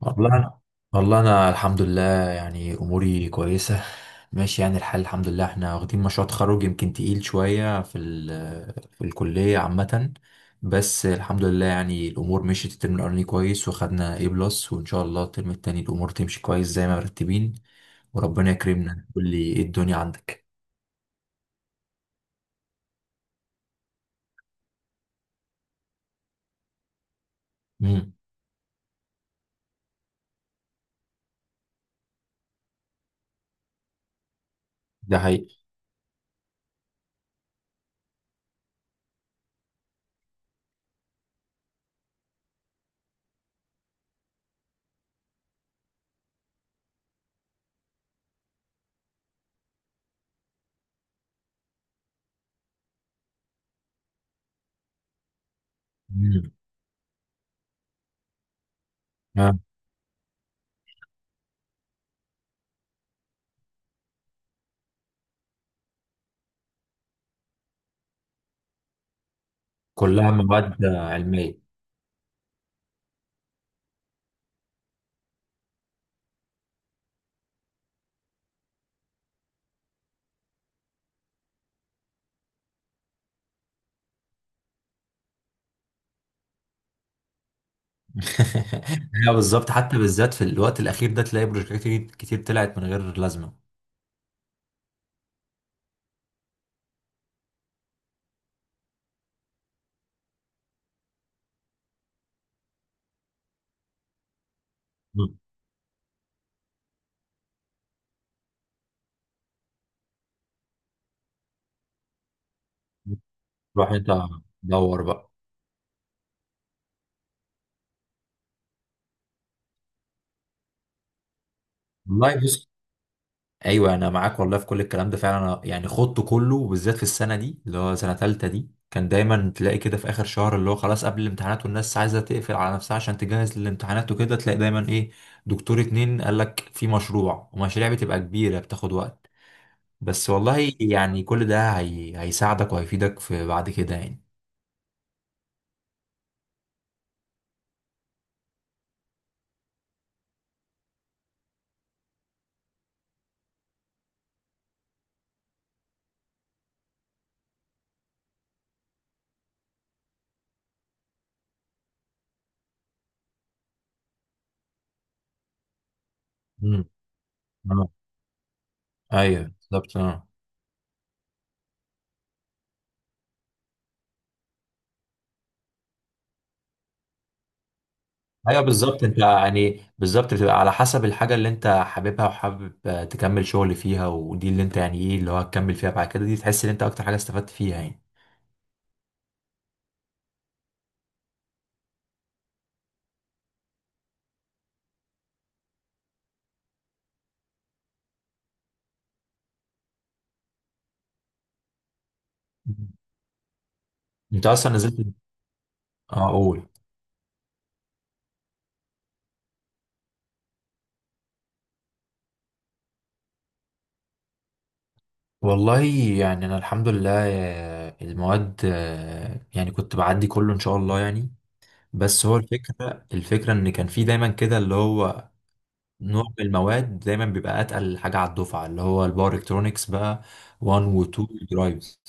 والله انا والله انا الحمد لله، يعني اموري كويسه، ماشي يعني الحال الحمد لله. احنا واخدين مشروع تخرج يمكن تقيل شويه في الكليه عامه، بس الحمد لله يعني الامور مشيت الترم الاولاني كويس، وخدنا A بلس، وان شاء الله الترم التاني الامور تمشي كويس زي ما مرتبين، وربنا يكرمنا. قول لي ايه الدنيا عندك؟ امم. ده حقيقي. امم. آه. كلها مواد علميه. لا بالظبط، حتى بالذات في الوقت الاخير ده تلاقي بروجكتات كتير كتير طلعت من غير لازمه. مم. روح انت، دور بقى. والله بص، ايوه انا معاك والله في كل الكلام ده، فعلا أنا يعني خضته كله بالذات في السنه دي اللي هو سنه تالته دي، كان دايما تلاقي كده في اخر شهر اللي هو خلاص قبل الامتحانات، والناس عايزه تقفل على نفسها عشان تجهز للامتحانات وكده، تلاقي دايما ايه، دكتور اتنين قال لك في مشروع، ومشاريع بتبقى كبيره بتاخد وقت. بس والله يعني كل ده هيساعدك وهيفيدك في بعد كده يعني. آه. ايوه بالظبط، اه، ايوه بالظبط، انت يعني بالظبط بتبقى على حسب الحاجه اللي انت حاببها، وحابب تكمل شغل فيها، ودي اللي انت يعني ايه اللي هو هتكمل فيها بعد كده، دي تحس ان انت اكتر حاجه استفدت فيها يعني. مم. انت اصلا نزلت. اه قول. والله يعني انا الحمد لله، المواد يعني كنت بعدي كله ان شاء الله يعني. بس هو الفكره ان كان في دايما كده اللي هو نوع من المواد دايما بيبقى اتقل حاجه على الدفعه، اللي هو الباور الكترونكس بقى 1 و 2 درايفز.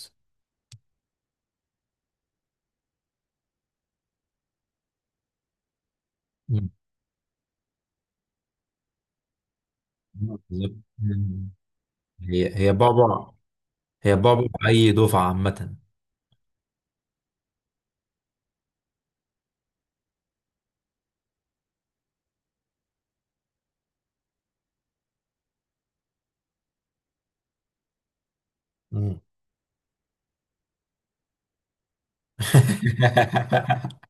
مم. بالظبط. مم. هي هي بعبع، هي بعبع اي دفعه عامه. مم.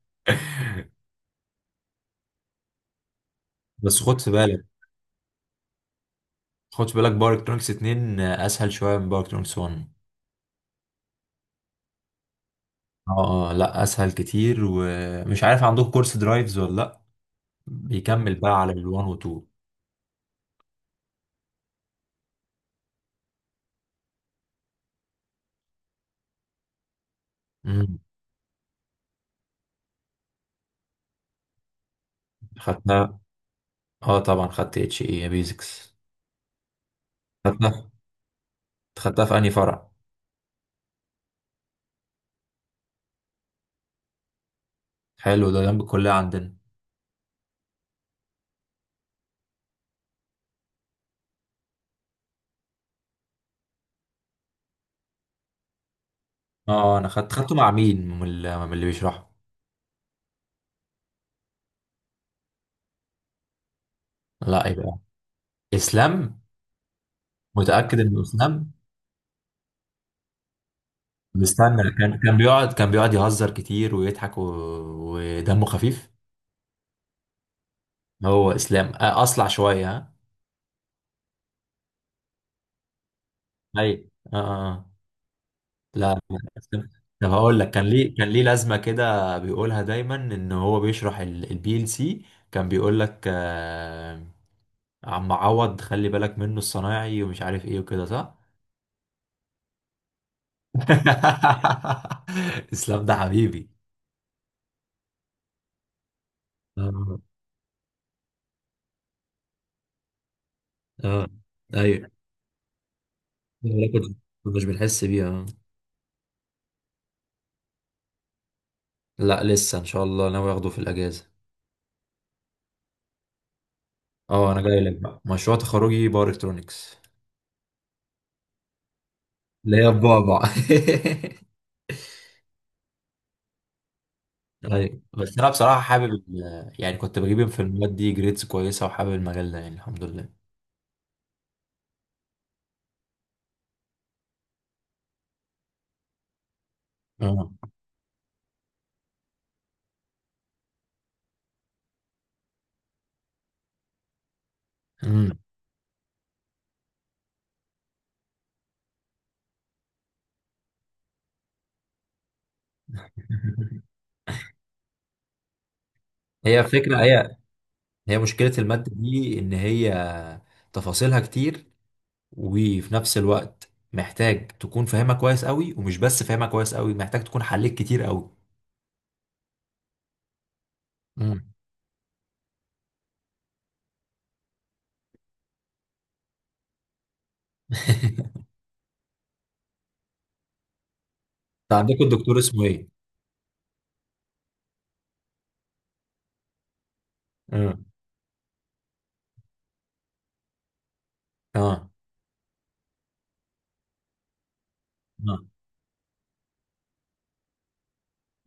بس خد في بالك، باور الكترونكس 2 اسهل شويه من باور الكترونكس 1. اه، لا اسهل كتير. ومش عارف عندكم كورس درايفز ولا لا؟ بيكمل بقى على ال1 و2. خدتها. اه طبعا، خدت اتش اي بيزكس. خدتها في انهي فرع؟ حلو، ده جنب الكليه عندنا. اه انا خدته مع مين، من اللي بيشرحه؟ لا يبقى اسلام. متاكد انه اسلام؟ مستنى، كان بيقعد يهزر كتير ويضحك ودمه خفيف. هو اسلام اصلع شويه ها؟ اي اه. آه. آه. لا لا، اسلام. طب هقول لك، كان ليه لازمه كده بيقولها دايما ان هو بيشرح البي ال سي، كان بيقول لك عم عوض خلي بالك منه الصنايعي، ومش عارف ايه وكده، صح؟ اسلام ده حبيبي. اه اه ايوه. ما كنت- مش بنحس بيها. آه. لا لسه ان شاء الله ناوي اخده في الاجازه. اه انا جاي لك بقى، مشروع تخرجي باور الكترونكس، اللي هي البعبع. ايوه بس انا بصراحه حابب يعني كنت بجيب في المواد دي جريدز كويسه، وحابب المجال ده يعني الحمد لله. اه. أمم. هي فكرة هي هي مشكلة المادة دي إن هي تفاصيلها كتير، وفي نفس الوقت محتاج تكون فاهمها كويس قوي، ومش بس فاهمها كويس قوي، محتاج تكون حليت كتير قوي. امم. انت عندكم الدكتور اسمه ايه؟ امم. اه. اه.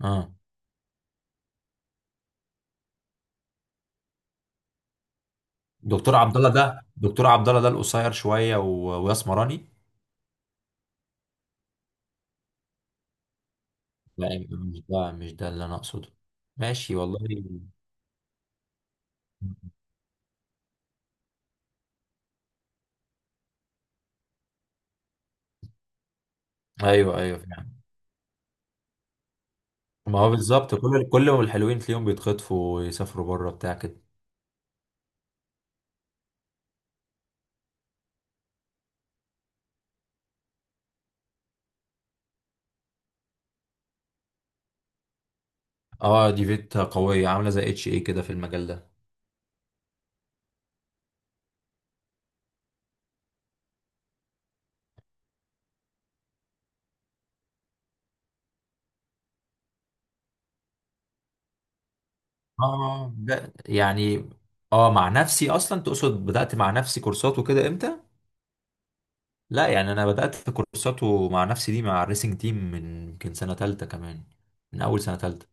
اه. دكتور عبد الله ده القصير شويه واسمراني. لا مش ده، مش ده اللي انا اقصده. ماشي والله. ايوه ايوه فعلا. ما هو بالظبط، كل ما الحلوين تلاقيهم بيتخطفوا ويسافروا بره بتاع كده. اه، دي فيت قويه عامله زي اتش ايه كده في المجال ده. اه يعني. اه مع نفسي اصلا، تقصد بدأت مع نفسي كورسات وكده امتى؟ لا يعني انا بدأت في كورسات ومع نفسي دي مع الريسنج تيم من يمكن سنة تالتة كمان، من اول سنة تالتة.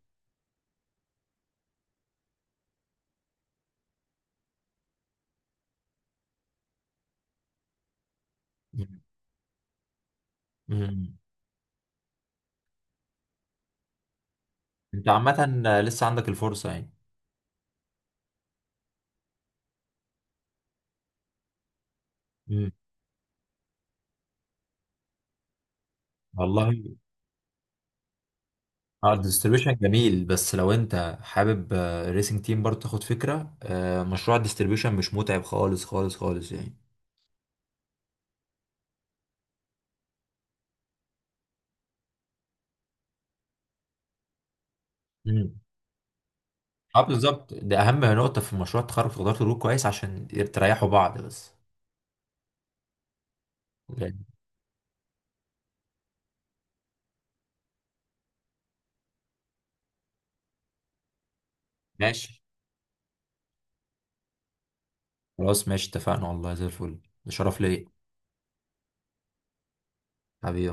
مم. مم. انت عامة لسه عندك الفرصة يعني. مم. والله اه الديستريبيوشن جميل، بس لو انت حابب الريسنج تيم برضه تاخد فكرة، مشروع الديستريبيوشن مش متعب خالص خالص خالص يعني. اه بالظبط، ده اهم نقطة في مشروع التخرج، تقدروا تدور كويس عشان تريحوا بعض بس يعني. ماشي. خلاص ماشي اتفقنا والله، زي الفل، ده شرف ليا، حبيبي.